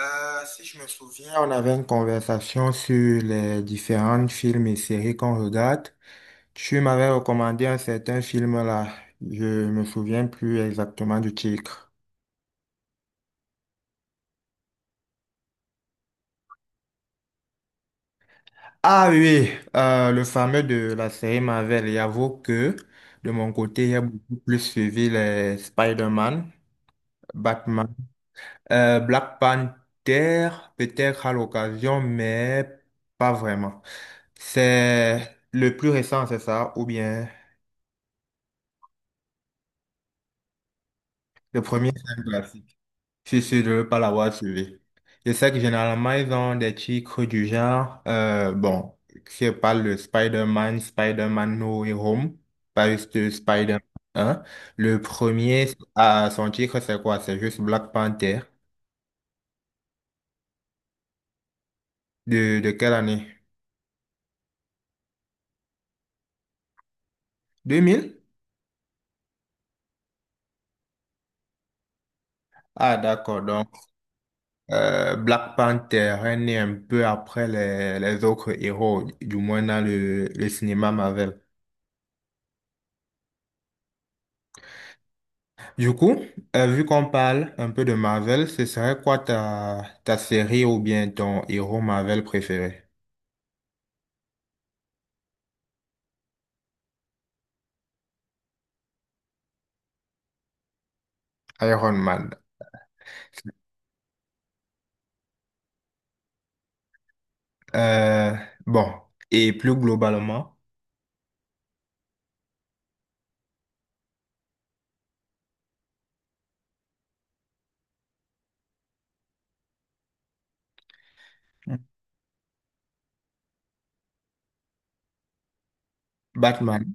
Si je me souviens, on avait une conversation sur les différents films et séries qu'on regarde. Tu m'avais recommandé un certain film là. Je me souviens plus exactement du titre. Ah oui, oui, le fameux de la série Marvel. Et j'avoue que de mon côté, j'ai beaucoup plus suivi les Spider-Man, Batman, Black Panther, peut-être à l'occasion, mais pas vraiment. C'est le plus récent, c'est ça, ou bien... Le premier, c'est un classique. C'est sûr, je ne veux pas l'avoir suivi. Je sais que généralement, ils ont des titres du genre, bon, je parle de Spider-Man, Spider-Man No Way Home, pas juste de Spider-Man 1. Le premier, ah, son titre, c'est quoi? C'est juste Black Panther. De quelle année? 2000. Ah, d'accord. Donc, Black Panther est né un peu après les autres héros, du moins dans le cinéma Marvel. Du coup, vu qu'on parle un peu de Marvel, ce serait quoi ta série ou bien ton héros Marvel préféré? Iron Man. Euh, bon, et plus globalement, Batman.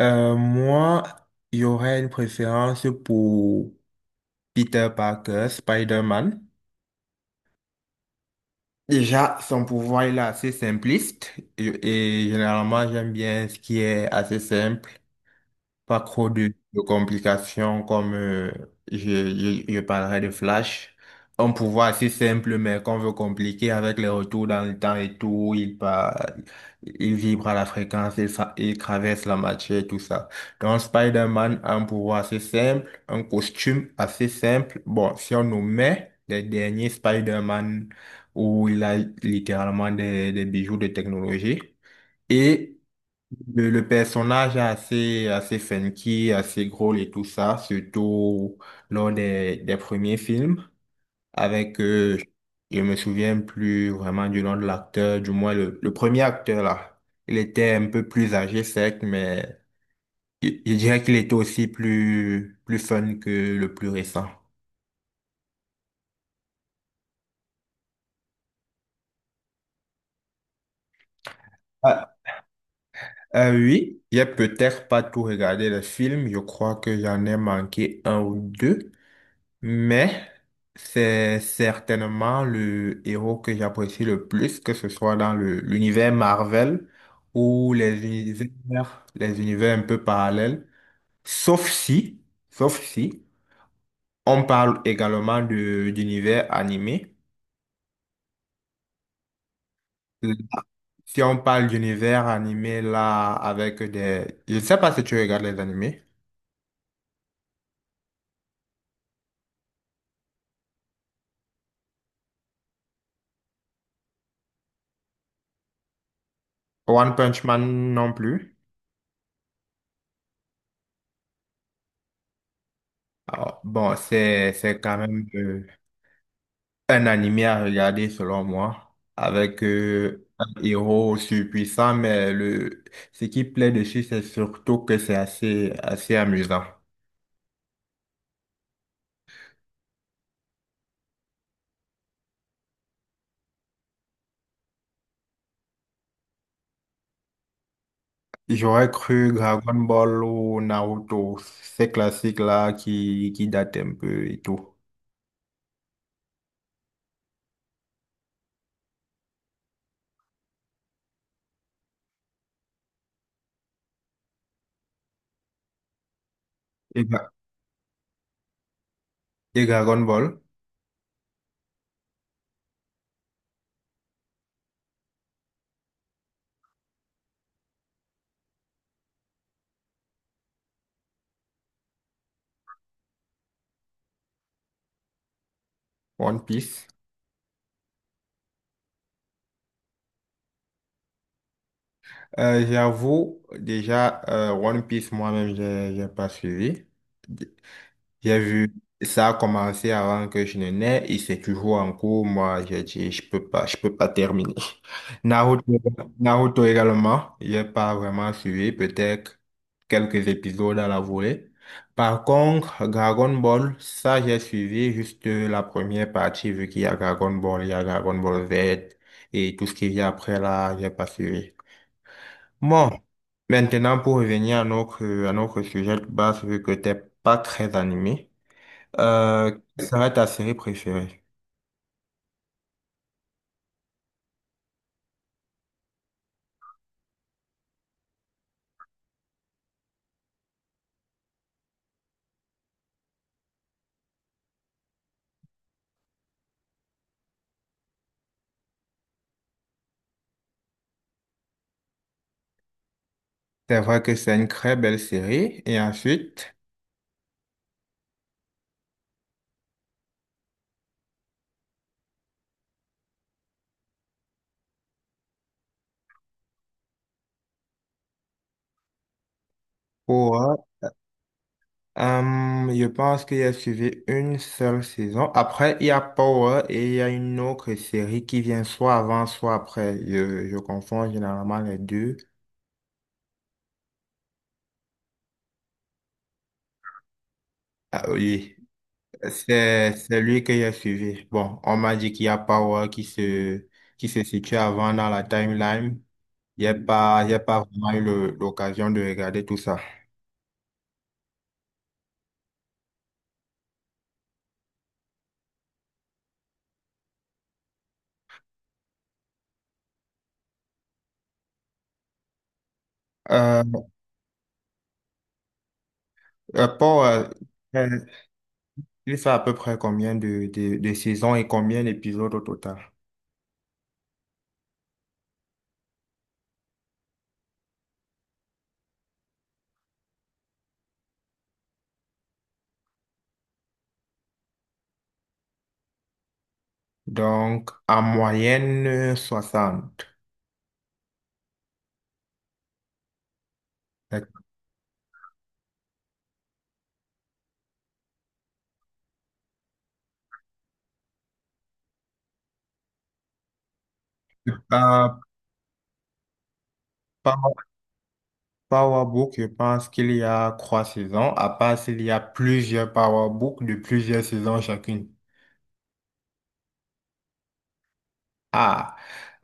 Moi, il y aurait une préférence pour Peter Parker, Spider-Man. Déjà, son pouvoir il est assez simpliste et généralement, j'aime bien ce qui est assez simple. Pas trop de complications comme je, je parlerai de Flash. Un pouvoir assez simple, mais qu'on veut compliquer avec les retours dans le temps et tout. Il part, il vibre à la fréquence, il traverse la matière et tout ça. Donc Spider-Man a un pouvoir assez simple, un costume assez simple. Bon, si on nous met les derniers Spider-Man où il a littéralement des bijoux de technologie. Et le personnage est assez funky, assez drôle et tout ça, surtout lors des premiers films. Avec, je me souviens plus vraiment du nom de l'acteur, du moins le premier acteur là. Il était un peu plus âgé, certes, mais je dirais qu'il était aussi plus fun que le plus récent. Ah, oui, j'ai peut-être pas tout regardé le film, je crois que j'en ai manqué un ou deux. Mais c'est certainement le héros que j'apprécie le plus, que ce soit l'univers Marvel ou les univers un peu parallèles. Sauf si, sauf si, on parle également de d'univers animé. Si on parle d'univers animé là avec des... Je ne sais pas si tu regardes les animés. One Punch Man non plus. Alors, bon, c'est un animé à regarder selon moi, avec un héros surpuissant, mais le ce qui plaît dessus, c'est surtout que c'est assez amusant. J'aurais cru Dragon Ball ou Naruto, ces classiques-là qui datent un peu et tout. Et, Dra- et Dragon Ball, One Piece. J'avoue, déjà, One Piece, moi-même, j'ai pas suivi. J'ai vu, ça a commencé avant que je ne naisse et c'est toujours en cours. Moi, j'ai dit, je peux pas terminer. Naruto, Naruto également, j'ai pas vraiment suivi, peut-être quelques épisodes à la volée. Par contre, Dragon Ball, ça j'ai suivi juste la première partie, vu qu'il y a Dragon Ball, il y a Dragon Ball Z et tout ce qu'il y a après là, j'ai pas suivi. Bon, maintenant pour revenir à notre sujet de base, vu que t'es pas très animé. Euh, Quelle serait ta série préférée? C'est vrai que c'est une très belle série. Et ensuite, Power, je pense qu'il y a suivi une seule saison. Après, il y a Power et il y a une autre série qui vient soit avant, soit après. Je confonds généralement les deux. Ah oui, c'est lui que j'ai suivi. Bon, on m'a dit qu'il y a Power qui se situe avant dans la timeline. Il y a pas vraiment eu l'occasion de regarder tout ça. Euh, Rapport à- euh, euh, il fait à peu près combien de saisons et combien d'épisodes au total? Donc, en moyenne, 60. Euh, Power Power Book, je pense qu'il y a trois saisons, à part s'il y a plusieurs Power Book de plusieurs saisons chacune. Ah,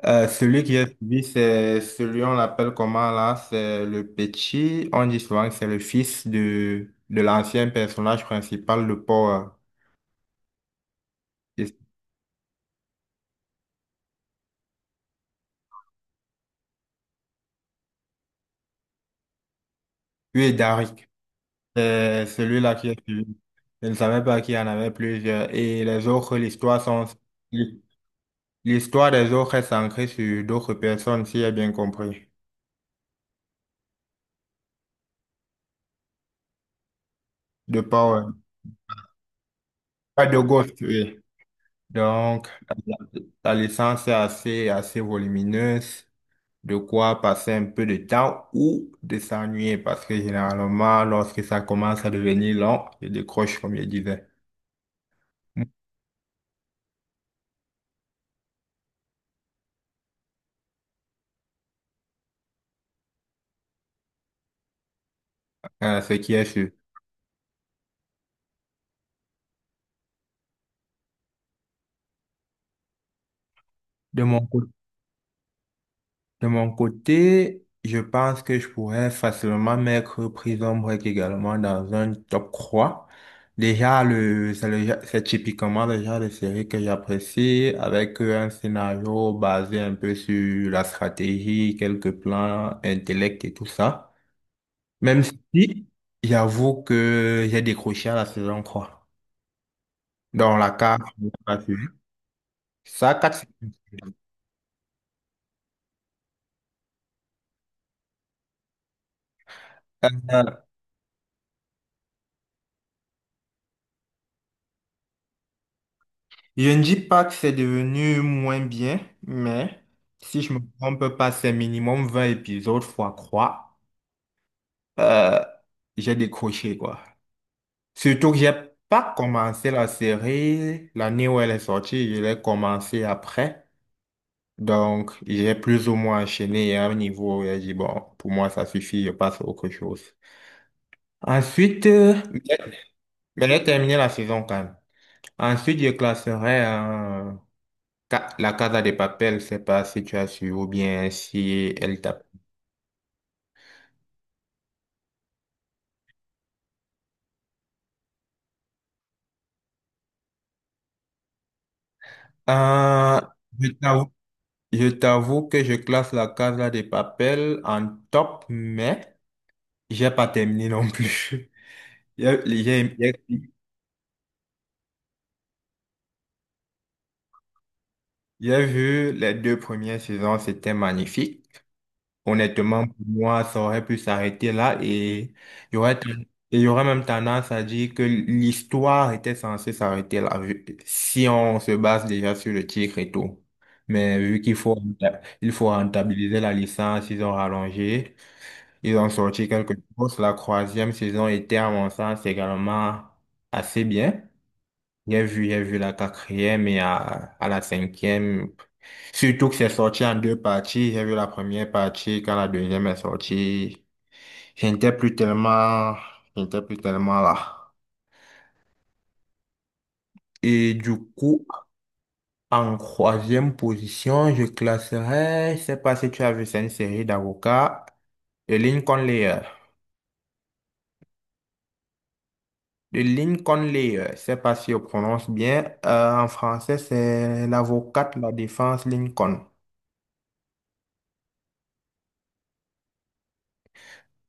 celui qui est suivi, c'est celui, on l'appelle comment là? C'est le petit, on dit souvent que c'est le fils de l'ancien personnage principal de Power. Et- Oui, Dari. C'est celui-là qui est suivi. Je ne savais pas qu'il y en avait plusieurs. Et les autres, l'histoire sont... L'histoire des autres est centrée sur d'autres personnes, si j'ai bien compris. De Power. Pas de Ghost, oui. Donc, la, la licence est assez volumineuse. De quoi passer un peu de temps ou de s'ennuyer. Parce que généralement, lorsque ça commence à devenir long, je décroche, comme je disais. Ce qui est sûr. De mon côté, De mon côté, je pense que je pourrais facilement mettre Prison Break également dans un top 3. Déjà, c'est typiquement le genre de série que j'apprécie avec un scénario basé un peu sur la stratégie, quelques plans, intellect et tout ça. Même si, j'avoue que j'ai décroché à la saison 3. Dans la 4, je n'ai pas suivi. Ça, 4, je ne dis pas que c'est devenu moins bien, mais si je me trompe pas, c'est minimum 20 épisodes fois 3. Euh, j'ai décroché, quoi. Surtout que j'ai pas commencé la série l'année où elle est sortie, je l'ai commencé après. Donc, j'ai plus ou moins enchaîné à un niveau où j'ai dit, bon, pour moi, ça suffit, je passe à autre chose. Ensuite, mais j'ai terminé la saison quand même. Ensuite, je classerai La Casa de Papel, c'est pas si tu as su ou bien si elle t'a... Ah, je t'avoue je t'avoue que je classe la Casa de Papel en top, mais j'ai pas terminé non plus. J'ai j'ai- j'ai- j'ai vu les deux premières saisons, c'était magnifique. Honnêtement, pour moi, ça aurait pu s'arrêter là et il y aurait, et il y aurait même tendance à dire que l'histoire était censée s'arrêter là, si on se base déjà sur le titre et tout. Mais vu qu'il faut rentabiliser la licence, ils ont rallongé, ils ont sorti quelque chose. La troisième saison était, à mon sens, également assez bien. J'ai vu la quatrième et à la cinquième. Surtout que c'est sorti en deux parties. J'ai vu la première partie quand la deuxième est sortie. J'étais plus tellement, j'étais plus tellement là. Et du coup, en troisième position, je classerais, je sais pas si tu as vu, c'est une série d'avocats, de Lincoln Lawyer. De Lincoln Lawyer, je sais pas si on prononce bien. En français, c'est l'avocate de la défense Lincoln.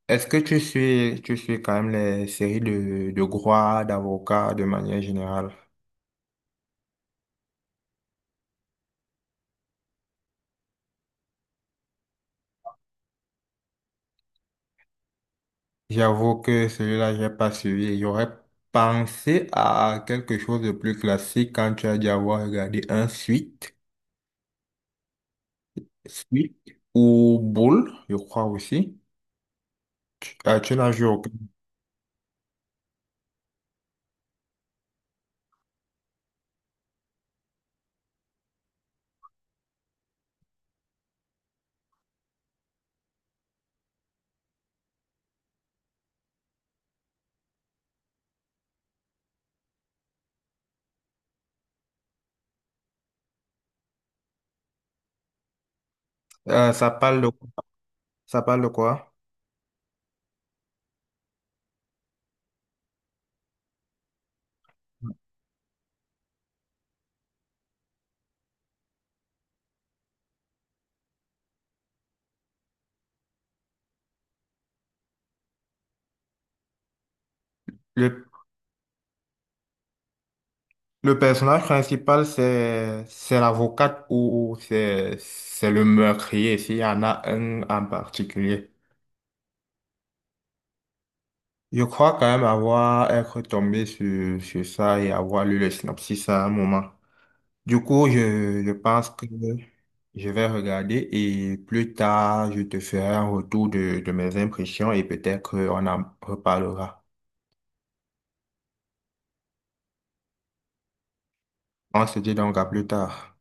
Est-ce que tu suis quand même les séries de droit, d'avocats de manière générale? J'avoue que celui-là, j'ai pas suivi. J'aurais pensé à quelque chose de plus classique quand tu as dû avoir regardé un suite ou boule, je crois aussi. Tu n'as joué aucun. Euh, ça parle de, ça parle de quoi? Le, le personnage principal, c'est l'avocate ou c'est le meurtrier, s'il y en a un en particulier. Je crois quand même avoir être tombé sur ça et avoir lu le synopsis à un moment. Du coup, je pense que je vais regarder et plus tard, je te ferai un retour de mes impressions et peut-être qu'on en reparlera. On se dit donc à plus tard.